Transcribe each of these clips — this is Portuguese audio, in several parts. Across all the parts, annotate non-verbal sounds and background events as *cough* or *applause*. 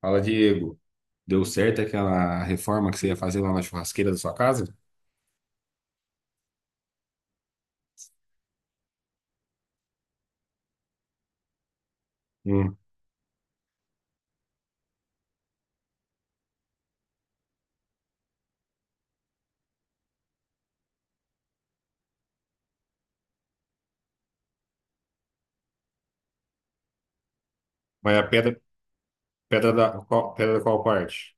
Fala, Diego. Deu certo aquela reforma que você ia fazer lá na churrasqueira da sua casa? Hum. Mas a pedra, pedra da qual parte?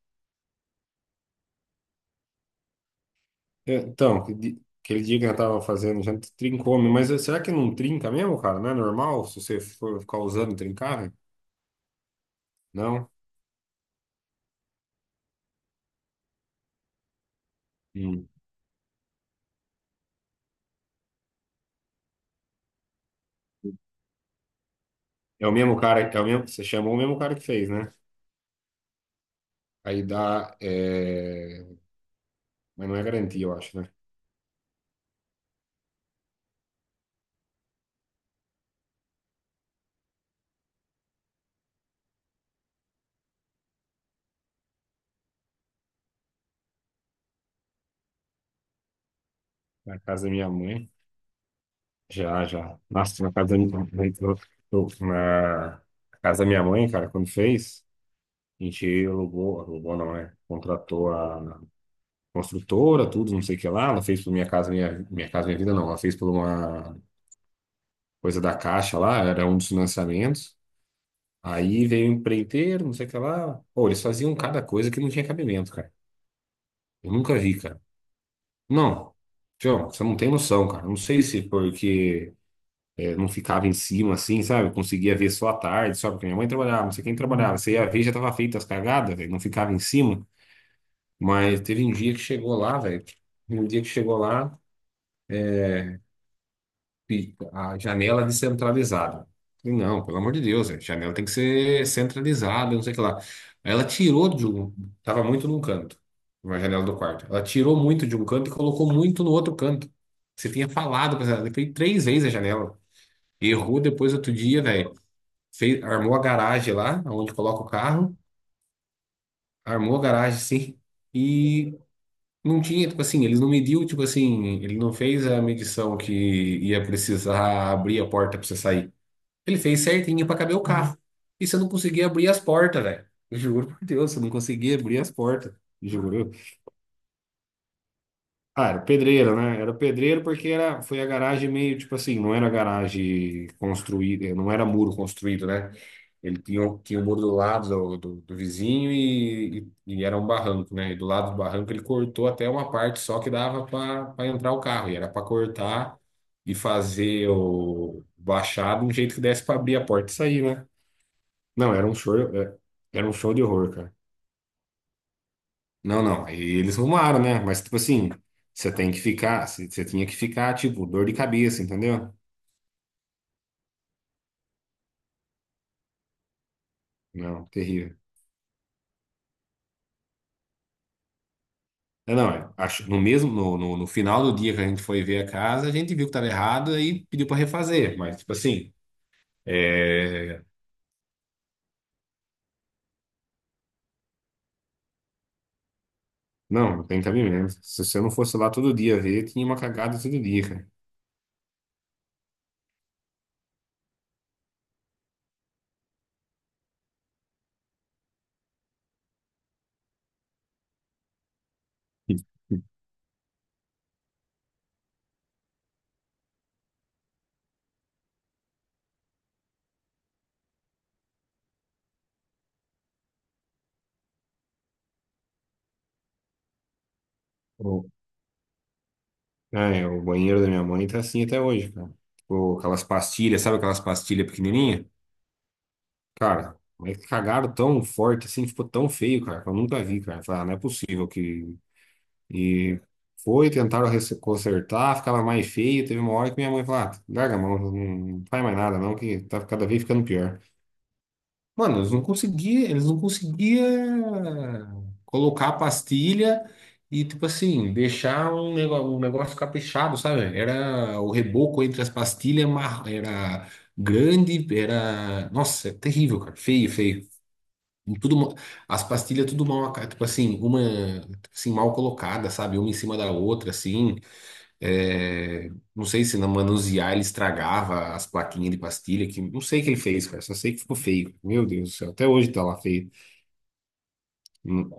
Então, aquele dia que eu tava fazendo, já trincou, mas será que não trinca mesmo, cara? Não é normal se você for ficar usando trincar, né? Não? Hum. É o mesmo cara, é o mesmo, você chamou o mesmo cara que fez, né? Aí dá, é, mas não é garantia, eu acho, né? Na casa da minha mãe. Já, já. Nossa, na casa da minha, na casa da minha mãe, cara, quando fez, a gente alugou, alugou não, né? Contratou a construtora, tudo, não sei o que lá. Ela fez pela Minha Casa Minha Vida, não. Ela fez por uma coisa da Caixa lá, era um dos financiamentos. Aí veio o empreiteiro, não sei o que lá. Pô, eles faziam cada coisa que não tinha cabimento, cara. Eu nunca vi, cara. Não, João, você não tem noção, cara. Não sei se porque é, não ficava em cima, assim, sabe? Eu conseguia ver só à tarde, só porque minha mãe trabalhava, não sei quem trabalhava. Você ia ver, já tava feita as cagadas, velho. Não ficava em cima. Mas teve um dia que chegou lá, velho. Um dia que chegou lá, e a janela descentralizada. Falei, não, pelo amor de Deus, velho. Janela tem que ser centralizada, não sei o que lá. Aí ela tirou de um. Tava muito num canto, uma janela do quarto. Ela tirou muito de um canto e colocou muito no outro canto. Você tinha falado pra ela, eu falei 3 vezes a janela. Errou depois outro dia, velho. Fez, armou a garagem lá, onde coloca o carro, armou a garagem, sim, e não tinha, tipo assim, eles não mediu, tipo assim, ele não fez a medição que ia precisar abrir a porta pra você sair. Ele fez certinho pra caber o, uhum, carro. E você não conseguia abrir as portas, velho. Eu juro por Deus, você não conseguia abrir as portas. Juro. Ah, era pedreiro, né? Era pedreiro porque era, foi a garagem meio, tipo assim, não era garagem construída, não era muro construído, né? Ele tinha, tinha o muro do lado do vizinho e, e era um barranco, né? E do lado do barranco ele cortou até uma parte só que dava para entrar o carro. E era para cortar e fazer o baixado de um jeito que desse para abrir a porta e sair, né? Não, era um show, é, era um show de horror, cara. Não, não. Aí eles rumaram, né? Mas tipo assim, você tem que ficar, você tinha que ficar, tipo, dor de cabeça, entendeu? Não, terrível. É, não, é, acho, no mesmo, no final do dia que a gente foi ver a casa, a gente viu que estava errado e pediu para refazer. Mas, tipo assim, é, não, não tem cabimento. Se você não fosse lá todo dia ver, tinha uma cagada todo dia, cara. *laughs* O, é, o banheiro da minha mãe tá assim até hoje, cara. Tipo, aquelas pastilhas, sabe aquelas pastilhas pequenininhas? Cara, mas cagaram tão forte assim, ficou tão feio, cara, que eu nunca vi, cara. Falei, ah, não é possível que e foi, consertar, ficava mais feio. Teve uma hora que minha mãe falou: ah, larga a mão, não faz mais nada, não, que tá cada vez ficando pior. Mano, eles não conseguiam colocar a pastilha e, tipo assim, deixar um negócio caprichado, sabe? Era o reboco entre as pastilhas, era grande, era. Nossa, é terrível, cara. Feio, feio em tudo, as pastilhas tudo mal, tipo assim, uma assim, mal colocada, sabe? Uma em cima da outra, assim. É, não sei se na manusear ele estragava as plaquinhas de pastilha, que não sei o que ele fez, cara. Só sei que ficou feio. Meu Deus do céu, até hoje tá lá feio. Hum,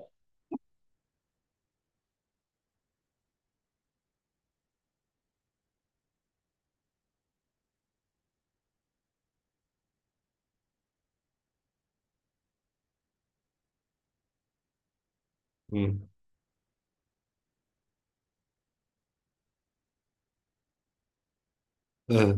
hum. Ah,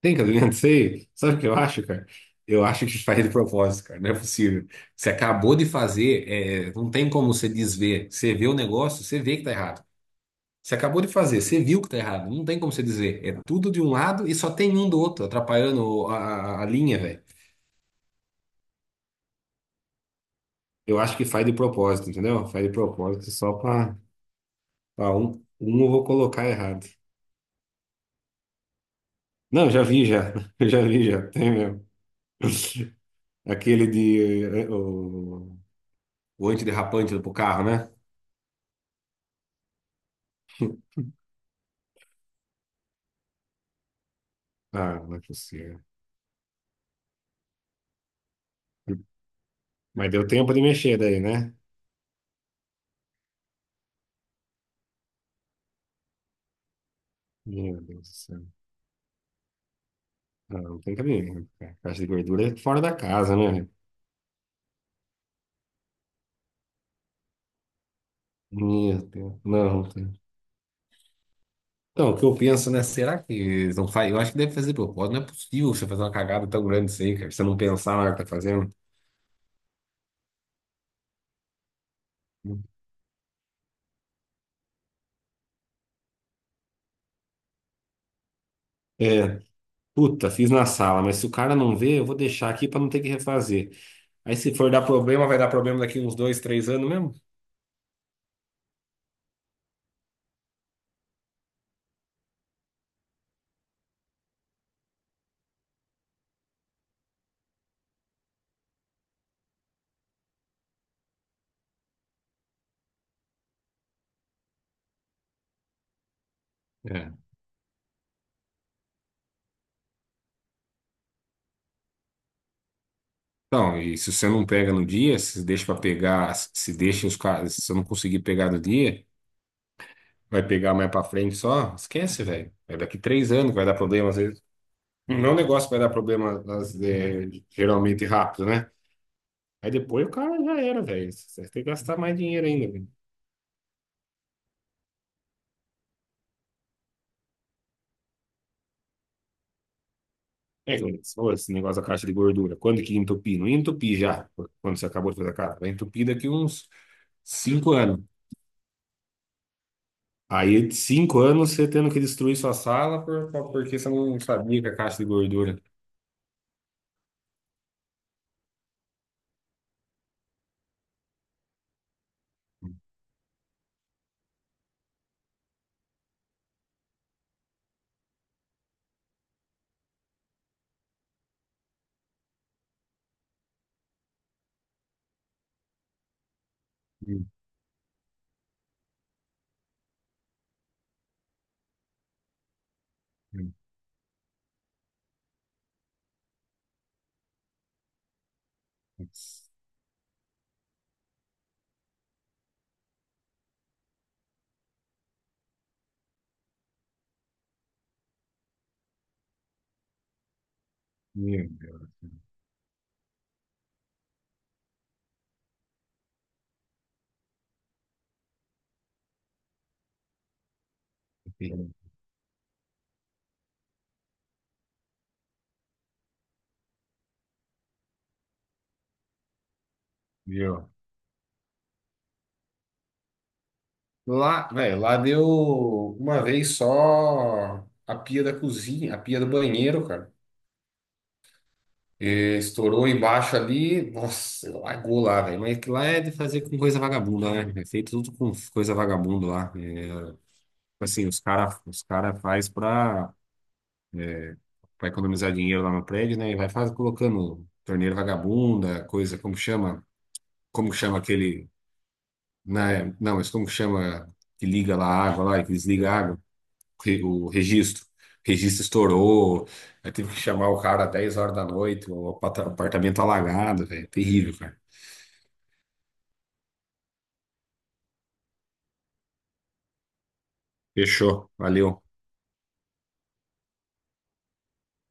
tem que adivinhar, não sei. Sabe o que eu acho, cara? Eu acho que faz de propósito, cara. Não é possível. Você acabou de fazer, é, não tem como você desver. Você vê o negócio, você vê que tá errado. Você acabou de fazer, você viu que tá errado. Não tem como você dizer. É tudo de um lado e só tem um do outro, atrapalhando a, a linha, velho. Eu acho que faz de propósito, entendeu? Faz de propósito só pra, pra um, um eu vou colocar errado. Não, já vi já. *laughs* Eu já vi já. Tem mesmo. Aquele de, o antiderrapante pro carro, né? Ah, não é possível. Mas deu tempo de mexer daí, né? Meu Deus do céu. Não, não tem cabimento, cara. Caixa de gordura é fora da casa, né? Meu Deus. Não, então, o que eu penso, né? Será que eles não faz? Eu acho que deve fazer propósito. Não é possível você fazer uma cagada tão grande assim, cara. Você não pensar na hora que tá fazendo. É, puta, fiz na sala, mas se o cara não vê, eu vou deixar aqui pra não ter que refazer. Aí se for dar problema, vai dar problema daqui uns 2, 3 anos mesmo? É. Então, e se você não pega no dia, se deixa pra pegar, se deixa os caras, se você não conseguir pegar no dia, vai pegar mais pra frente só, esquece, velho. É daqui 3 anos que vai dar problema, às vezes. Não é um negócio que vai dar problema, é, geralmente rápido, né? Aí depois o cara já era, velho. Você tem que gastar mais dinheiro ainda, velho. É, que nem você falou, esse negócio da caixa de gordura. Quando que entupir? Não entupi já, quando você acabou de fazer a cara. Vai entupir daqui uns 5 anos. Aí, de 5 anos, você tendo que destruir sua sala por, porque você não sabia que a caixa de gordura. Meu Deus. Meu Deus. Meu. Lá, velho, lá deu uma vez só a pia da cozinha, a pia do banheiro, cara. É, estourou embaixo ali, nossa, largou lá, velho. Mas que lá é de fazer com coisa vagabunda, né? É feito tudo com coisa vagabunda lá. É, assim, os cara faz pra, é, pra economizar dinheiro lá no prédio, né? E vai faz, colocando torneira vagabunda, coisa, como que chama? Como que chama aquele. Né? Não, mas como que chama que liga lá a água lá e que desliga a água? O registro. O registro estourou, aí tive que chamar o cara às 10 horas da noite, apartamento alagado, velho. Terrível, cara. Fechou, valeu.